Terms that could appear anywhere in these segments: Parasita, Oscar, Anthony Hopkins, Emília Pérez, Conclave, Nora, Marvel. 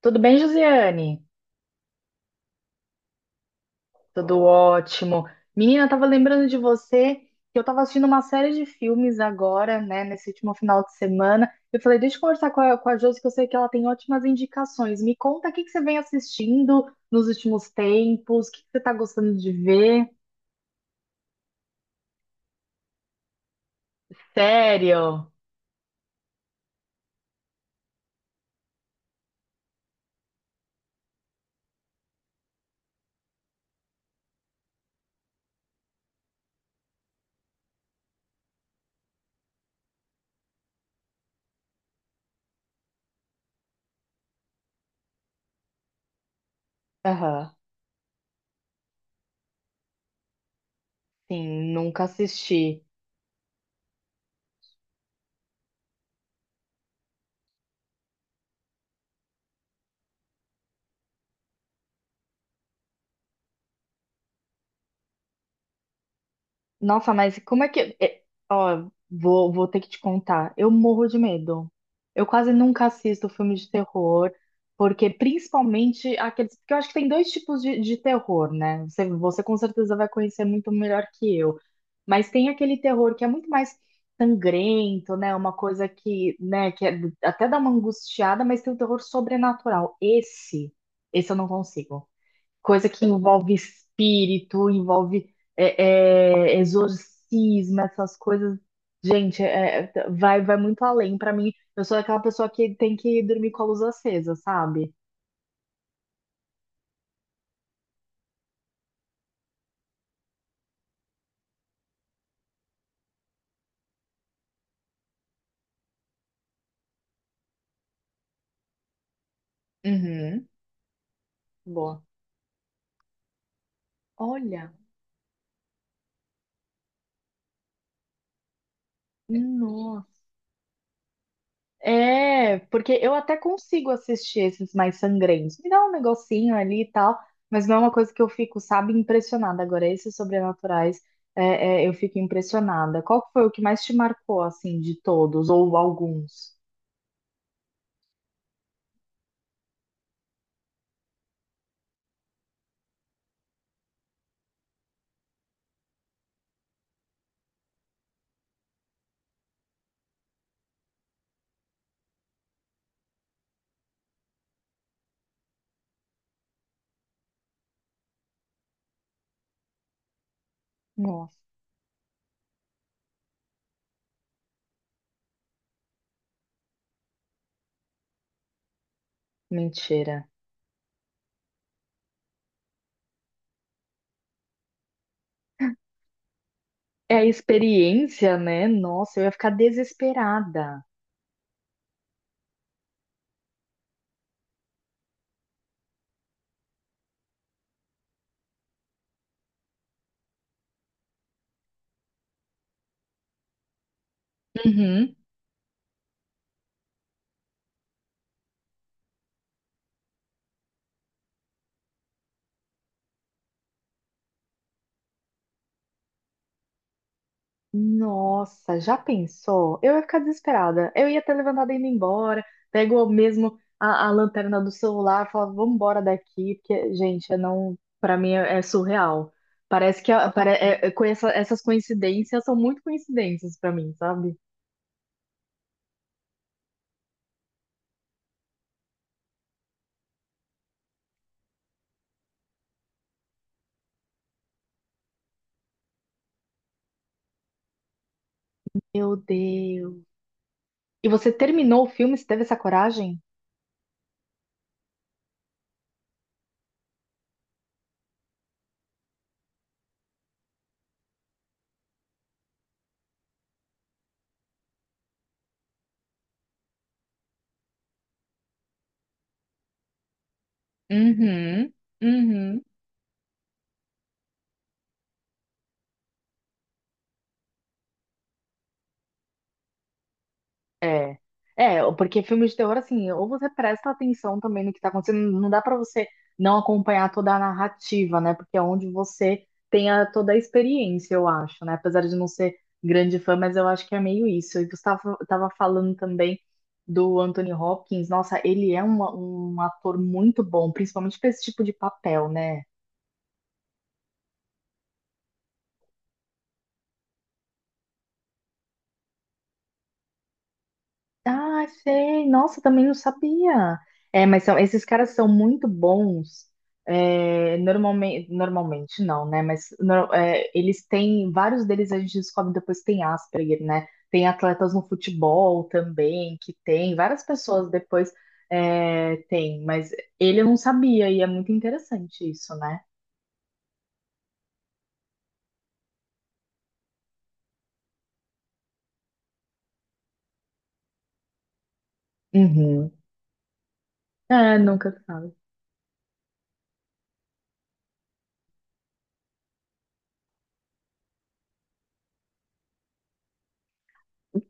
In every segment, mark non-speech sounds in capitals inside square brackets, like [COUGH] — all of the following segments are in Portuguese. Tudo bem, Josiane? Tudo ótimo. Menina, eu tava lembrando de você que eu tava assistindo uma série de filmes agora, né, nesse último final de semana. Eu falei, deixa eu conversar com a Josi, que eu sei que ela tem ótimas indicações. Me conta o que que você vem assistindo nos últimos tempos, o que que você tá gostando de ver? Sério? Aham, sim, nunca assisti. Nossa, mas como é que. Ó, vou ter que te contar. Eu morro de medo. Eu quase nunca assisto filme de terror, porque principalmente aqueles. Porque eu acho que tem dois tipos de terror, né? Você com certeza vai conhecer muito melhor que eu. Mas tem aquele terror que é muito mais sangrento, né? Uma coisa que, né, que até dá uma angustiada, mas tem o terror sobrenatural. Esse eu não consigo coisa que envolve espírito, envolve exorcismo, essas coisas. Gente, vai muito além. Pra mim, eu sou aquela pessoa que tem que dormir com a luz acesa, sabe? Uhum. Boa. Olha, é, porque eu até consigo assistir esses mais sangrentos. Me dá um negocinho ali e tal, mas não é uma coisa que eu fico, sabe, impressionada. Agora, esses sobrenaturais, eu fico impressionada. Qual que foi o que mais te marcou, assim, de todos, ou alguns? Nossa, mentira. É a experiência, né? Nossa, eu ia ficar desesperada. Uhum. Nossa, já pensou? Eu ia ficar desesperada. Eu ia ter levantado e ido embora. Pego eu mesmo a lanterna do celular, e falo, vamos embora daqui, porque, gente, eu não, para mim é surreal. Parece que com essas coincidências são muito coincidências pra mim, sabe? Meu Deus. E você terminou o filme? Você teve essa coragem? Uhum, uhum. É. É, porque filme de terror, assim, ou você presta atenção também no que tá acontecendo, não dá pra você não acompanhar toda a narrativa, né? Porque é onde você tem toda a experiência, eu acho, né? Apesar de não ser grande fã, mas eu acho que é meio isso. E você tava falando também do Anthony Hopkins, nossa, ele é um, um ator muito bom, principalmente pra esse tipo de papel, né? Ah, sei. Nossa, também não sabia. É, mas são, esses caras são muito bons. É, normalmente não, né? Mas eles têm, vários deles a gente descobre depois que tem Asperger, né? Tem atletas no futebol também, que tem, várias pessoas depois tem, mas ele eu não sabia e é muito interessante isso, né? Uhum. É, nunca sabe.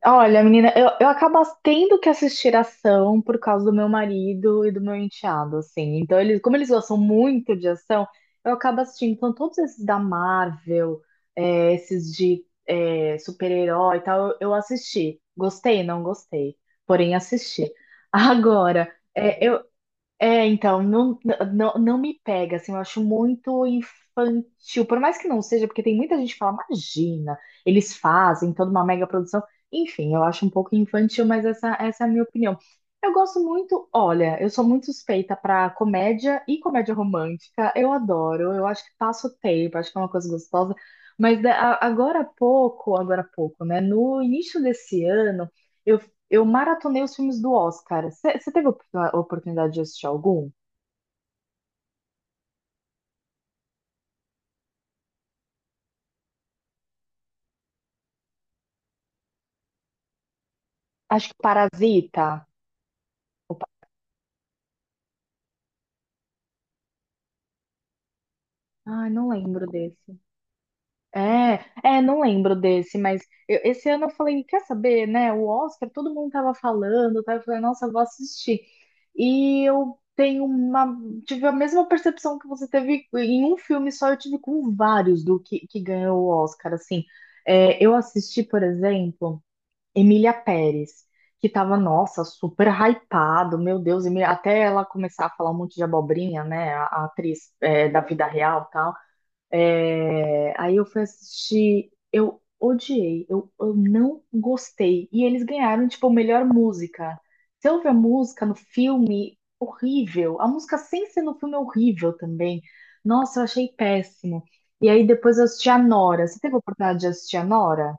Olha, menina, eu acabo tendo que assistir ação por causa do meu marido e do meu enteado, assim. Então, eles, como eles gostam muito de ação, eu acabo assistindo. Então, todos esses da Marvel, é, esses de super-herói e tal, eu assisti. Gostei, não gostei, porém assisti. Agora, então, não me pega, assim, eu acho muito infantil, por mais que não seja, porque tem muita gente que fala, imagina, eles fazem toda uma mega produção, enfim, eu acho um pouco infantil, mas essa é a minha opinião. Eu gosto muito, olha, eu sou muito suspeita pra comédia e comédia romântica, eu adoro, eu acho que passa o tempo, acho que é uma coisa gostosa, mas agora há pouco, né, no início desse ano, eu eu maratonei os filmes do Oscar. Você teve a a oportunidade de assistir algum? Acho que Parasita. Ou ai, não lembro desse. É, é, não lembro desse, mas esse ano eu falei, quer saber, né? O Oscar, todo mundo tava falando, tá? Eu falei, nossa, eu vou assistir. E eu tenho uma, tive a mesma percepção que você teve em um filme só, eu tive com vários do que ganhou o Oscar, assim. É, eu assisti, por exemplo. Emília Pérez, que tava, nossa, super hypado, meu Deus, até ela começar a falar um monte de abobrinha, né, a atriz é, da vida real e tal. É, aí eu fui assistir, eu odiei, eu não gostei. E eles ganharam, tipo, melhor música. Você ouve a música no filme, horrível. A música sem ser no filme é horrível também. Nossa, eu achei péssimo. E aí depois eu assisti a Nora. Você teve a oportunidade de assistir a Nora?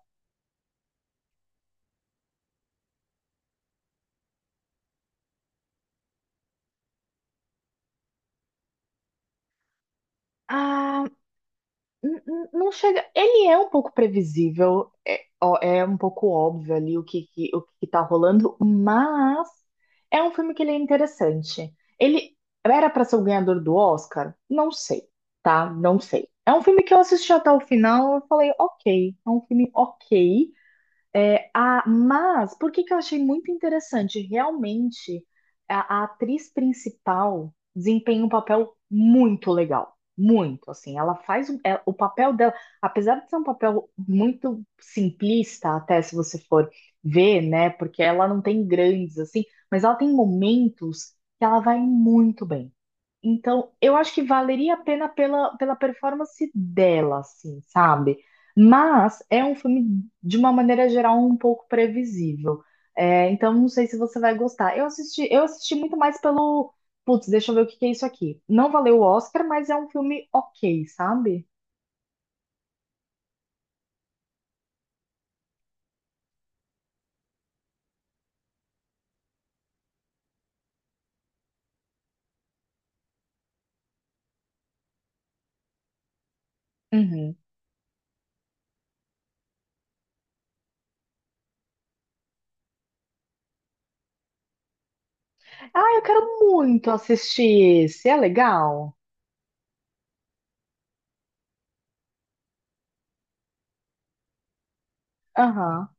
Ah, não chega. Ele é um pouco previsível, é, ó, é um pouco óbvio ali o o que que tá rolando, mas é um filme que ele é interessante. Ele era para ser o ganhador do Oscar? Não sei, tá? Não sei. É um filme que eu assisti até o final, eu falei, ok, é um filme ok, mas, por que que eu achei muito interessante? Realmente, a atriz principal desempenha um papel muito legal. Muito, assim. Ela faz o papel dela, apesar de ser um papel muito simplista, até se você for ver, né? Porque ela não tem grandes, assim, mas ela tem momentos que ela vai muito bem. Então, eu acho que valeria a pena pela, pela performance dela, assim, sabe? Mas é um filme, de uma maneira geral, um pouco previsível. É, então, não sei se você vai gostar. Eu assisti muito mais pelo. Putz, deixa eu ver o que que é isso aqui. Não valeu o Oscar, mas é um filme ok, sabe? Uhum. Ah, eu quero muito assistir esse. É legal? Aham.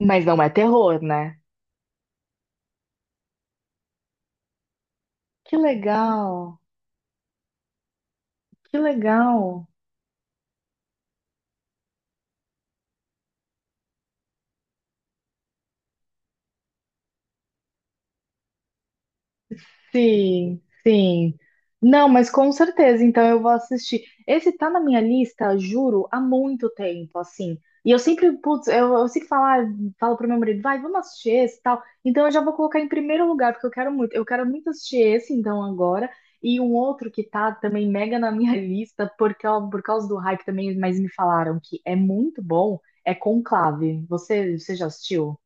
Mas não é terror, né? Que legal, que legal. Sim, sim. Não, mas com certeza, então eu vou assistir. Esse tá na minha lista, juro, há muito tempo, assim. E eu sempre, putz, eu sempre falo, ah, falo pro meu marido, vai, vamos assistir esse e tal. Então eu já vou colocar em primeiro lugar, porque eu quero muito. Eu quero muito assistir esse, então, agora. E um outro que tá também mega na minha [LAUGHS] lista, porque, ó, por causa do hype também, mas me falaram que é muito bom, é Conclave. Você já assistiu?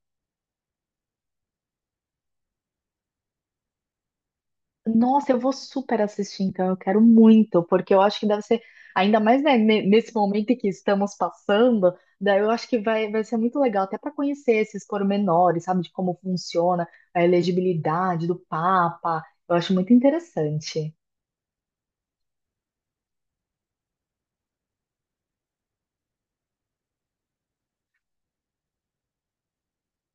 Nossa, eu vou super assistir, então. Eu quero muito, porque eu acho que deve ser, ainda mais, né, nesse momento em que estamos passando, daí eu acho que vai ser muito legal, até para conhecer esses pormenores, sabe, de como funciona a elegibilidade do Papa. Eu acho muito interessante.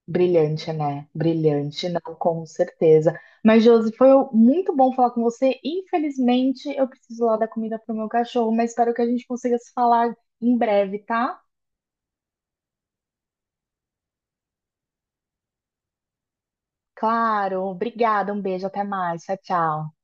Brilhante, né? Brilhante, não, com certeza. Mas, Josi, foi muito bom falar com você. Infelizmente, eu preciso lá dar comida para o meu cachorro, mas espero que a gente consiga se falar em breve, tá? Claro, obrigada, um beijo, até mais, tchau, tchau.